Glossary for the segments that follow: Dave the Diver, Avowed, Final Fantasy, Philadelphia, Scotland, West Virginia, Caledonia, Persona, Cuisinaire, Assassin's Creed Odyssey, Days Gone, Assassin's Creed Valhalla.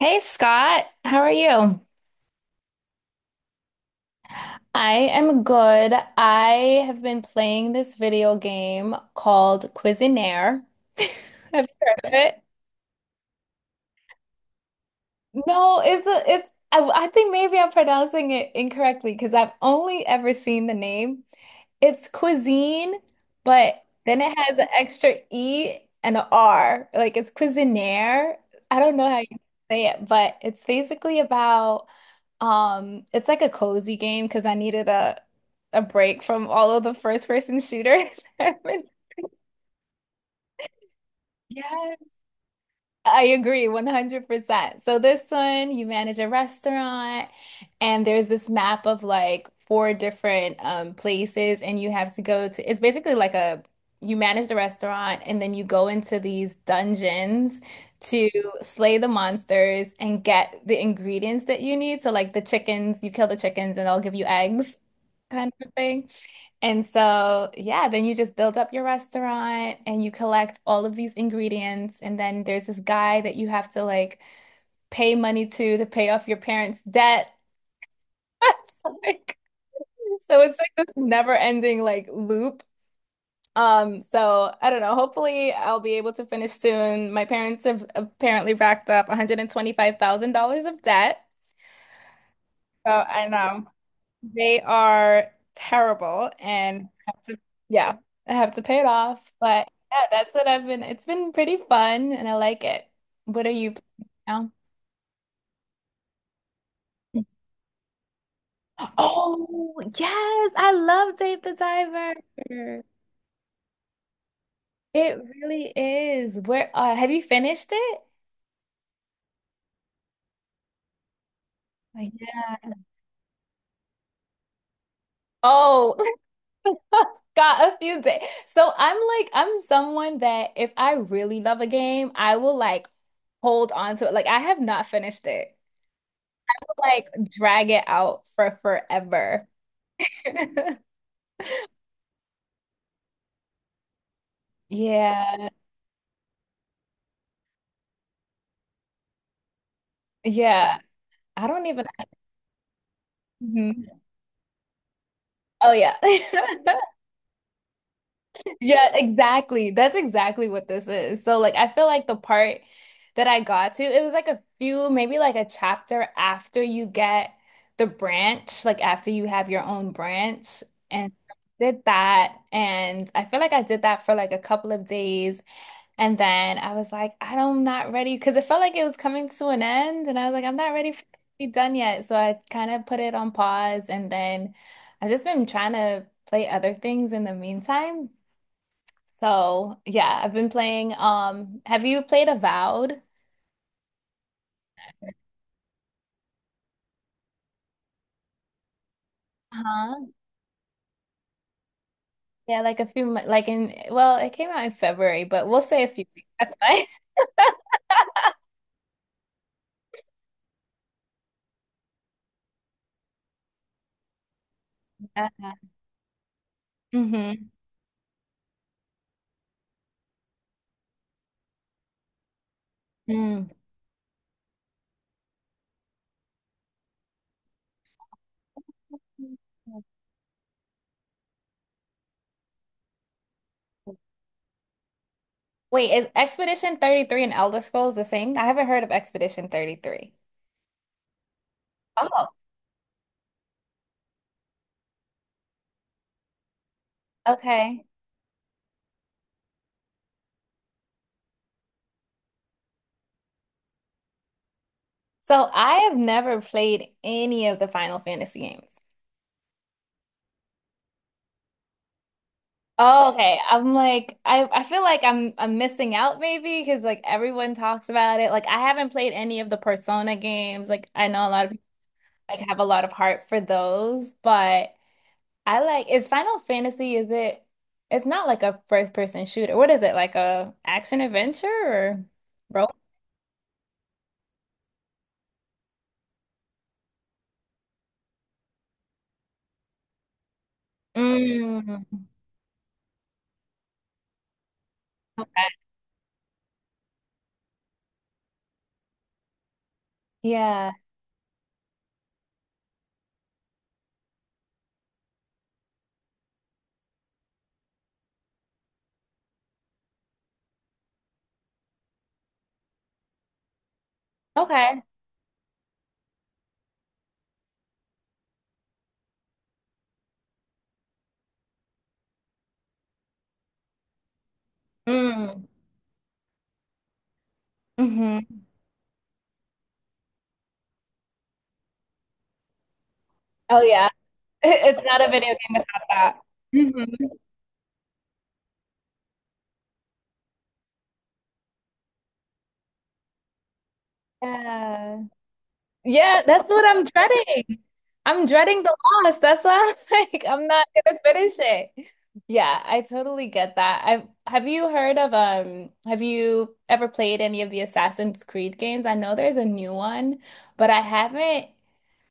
Hey Scott, how are you? I am good. I have been playing this video game called Cuisinaire. Have you heard of it? No, it's a, it's I think maybe I'm pronouncing it incorrectly because I've only ever seen the name. It's cuisine, but then it has an extra E and a R. Like it's Cuisinaire. I don't know how you say it, but it's basically about it's like a cozy game because I needed a break from all of the first person shooters. I Yes. I agree 100%. So this one, you manage a restaurant and there's this map of like four different places and you have to go to it's basically like a you manage the restaurant and then you go into these dungeons to slay the monsters and get the ingredients that you need. So like the chickens, you kill the chickens and they'll give you eggs kind of a thing. And so, yeah, then you just build up your restaurant and you collect all of these ingredients. And then there's this guy that you have to like pay money to pay off your parents' debt. It's like- so it's like this never-ending like loop. So I don't know. Hopefully, I'll be able to finish soon. My parents have apparently racked up $125,000 of debt. So I know. They are terrible and I have to, yeah, I have to pay it off. But yeah, that's what I've been, it's been pretty fun and I like it. What are you playing now? Oh, yes, I love Dave the Diver. It really is. Where have you finished it? Like, yeah. Oh, got a few days. So I'm someone that if I really love a game, I will like hold on to it. Like I have not finished it. Like drag it out for forever. Yeah. Yeah. I don't even. Mhm. Oh, yeah. Yeah, exactly. That's exactly what this is. So, like, I feel like the part that I got to, it was like a few, maybe like a chapter after you get the branch, like after you have your own branch. And did that. And I feel like I did that for like a couple of days. And then I was like, I'm not ready because it felt like it was coming to an end. And I was like, I'm not ready for it to be done yet. So I kind of put it on pause. And then I've just been trying to play other things in the meantime. So yeah, I've been playing. Have you played Avowed? Uh-huh. Yeah, like like in, well, it came out in February, but we'll say a few weeks. That's fine. Uh-huh. Mm-hmm. Mm. Wait, is Expedition 33 and Elder Scrolls the same? I haven't heard of Expedition 33. Oh, okay. So I have never played any of the Final Fantasy games. Oh, okay. I feel like I'm missing out maybe because like everyone talks about it. Like I haven't played any of the Persona games. Like I know a lot of people like have a lot of heart for those, but I like is Final Fantasy is it it's not like a first person shooter. What is it? Like a action adventure or role? Mm, yeah. Okay. Mm. Hmm. Oh yeah. It's not a video game without that. Mhm. Yeah. Yeah, that's what I'm dreading. I'm dreading the loss. That's why I'm like, I'm not gonna finish it. Yeah, I totally get that. I've have you heard of have you ever played any of the Assassin's Creed games? I know there's a new one, but I haven't.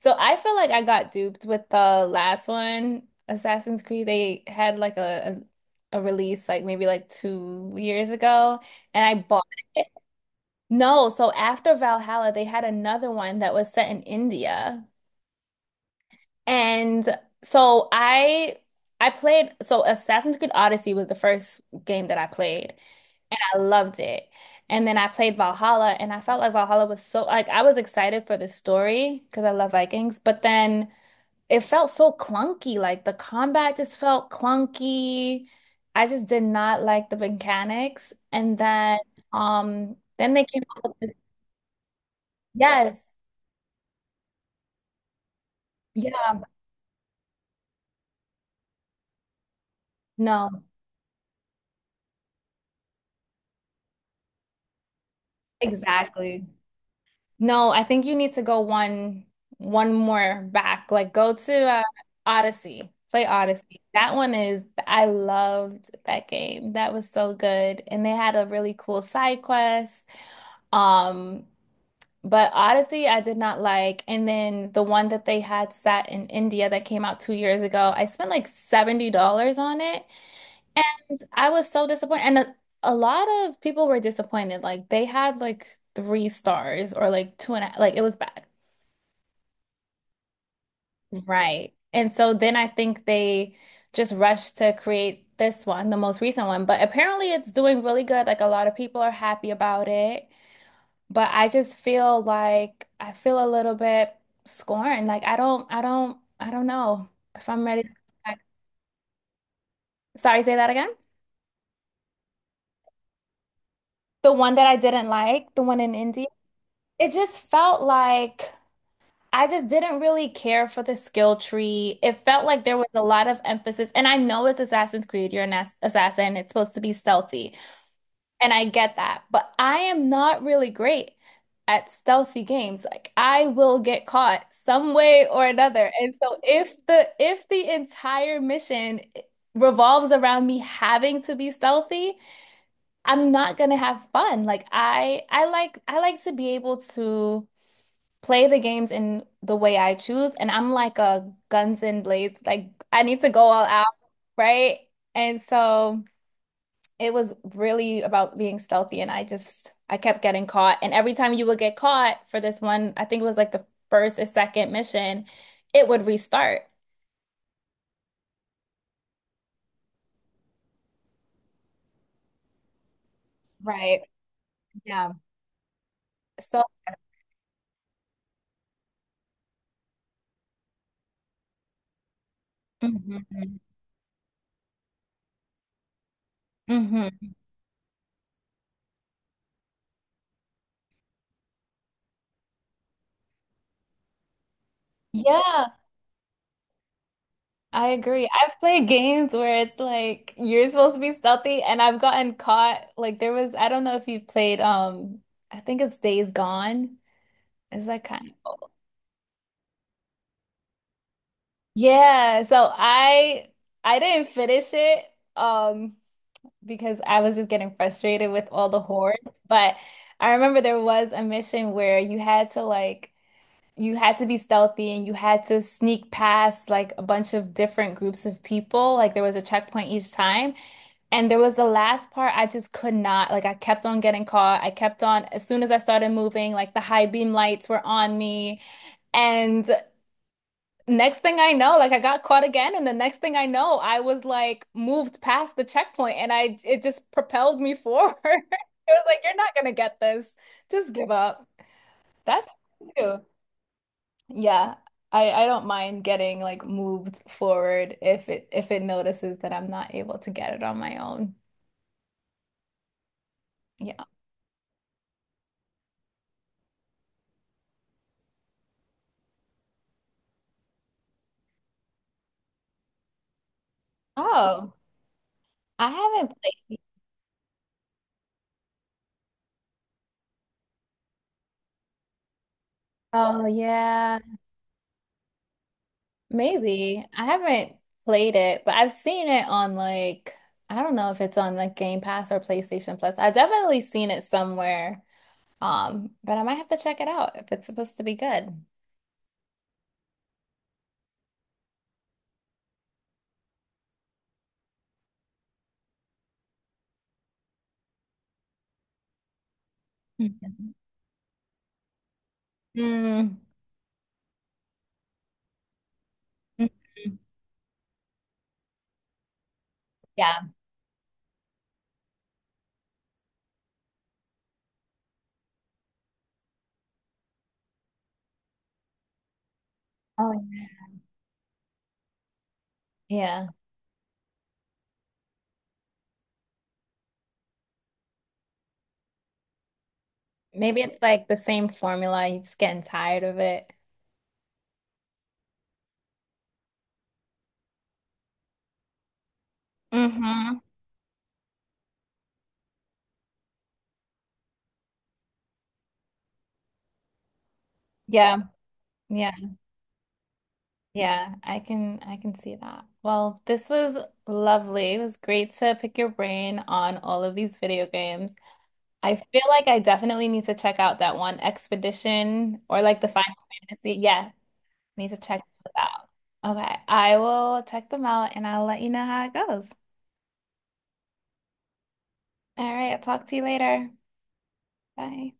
So I feel like I got duped with the last one, Assassin's Creed. They had like a release like maybe like 2 years ago, and I bought it. No, so after Valhalla, they had another one that was set in India. And so I played so Assassin's Creed Odyssey was the first game that I played and I loved it. And then I played Valhalla and I felt like Valhalla was so like I was excited for the story because I love Vikings, but then it felt so clunky. Like the combat just felt clunky. I just did not like the mechanics. And then then they came up with this, yes. No, exactly. No, I think you need to go one more back. Like go to Odyssey. Play Odyssey. That one is I loved that game. That was so good. And they had a really cool side quest. Um, but Odyssey I did not like. And then the one that they had set in India that came out 2 years ago, I spent like $70 on it. And I was so disappointed. And a lot of people were disappointed. Like they had like three stars or like two and a, like it was bad. Right. And so then I think they just rushed to create this one, the most recent one. But apparently it's doing really good. Like a lot of people are happy about it. But I just feel like I feel a little bit scorned. Like I don't know if I'm ready. To- Sorry, say that again. The one that I didn't like, the one in India, it just felt like I just didn't really care for the skill tree. It felt like there was a lot of emphasis, and I know it's Assassin's Creed, you're an assassin, it's supposed to be stealthy, and I get that, but I am not really great at stealthy games. Like I will get caught some way or another. And so if the entire mission revolves around me having to be stealthy, I'm not gonna have fun. I like to be able to play the games in the way I choose. And I'm like a guns and blades, like I need to go all out, right? And so it was really about being stealthy. And I kept getting caught. And every time you would get caught for this one, I think it was like the first or second mission, it would restart. Right. Yeah. So, mhm. Mhm. Yeah. I agree. I've played games where it's like you're supposed to be stealthy, and I've gotten caught. I don't know if you've played, I think it's Days Gone. Is that kind of old? Yeah. So I didn't finish it, um, because I was just getting frustrated with all the hordes. But I remember there was a mission where you had to like you had to be stealthy and you had to sneak past like a bunch of different groups of people. Like there was a checkpoint each time. And there was the last part I just could not, like I kept on getting caught. I kept on, as soon as I started moving, like the high beam lights were on me. And next thing I know, like I got caught again. And the next thing I know, I was like moved past the checkpoint and I, it just propelled me forward. It was like, you're not gonna get this. Just give up. That's too. Yeah. I don't mind getting like moved forward if it notices that I'm not able to get it on my own. Yeah. Oh. I haven't played. Oh yeah, maybe. I haven't played it, but I've seen it on like I don't know if it's on like Game Pass or PlayStation Plus. I definitely seen it somewhere. But I might have to check it out if it's supposed to be good. Mhm. Mm. Mhm. Yeah. Oh yeah. Yeah. Maybe it's like the same formula, you're just getting tired of it. Mm-hmm. Yeah. Yeah. Yeah, I can see that. Well, this was lovely. It was great to pick your brain on all of these video games. I feel like I definitely need to check out that one Expedition or like the Final Fantasy. Yeah, need to check those out. Okay, I will check them out and I'll let you know how it goes. All right, I'll talk to you later. Bye.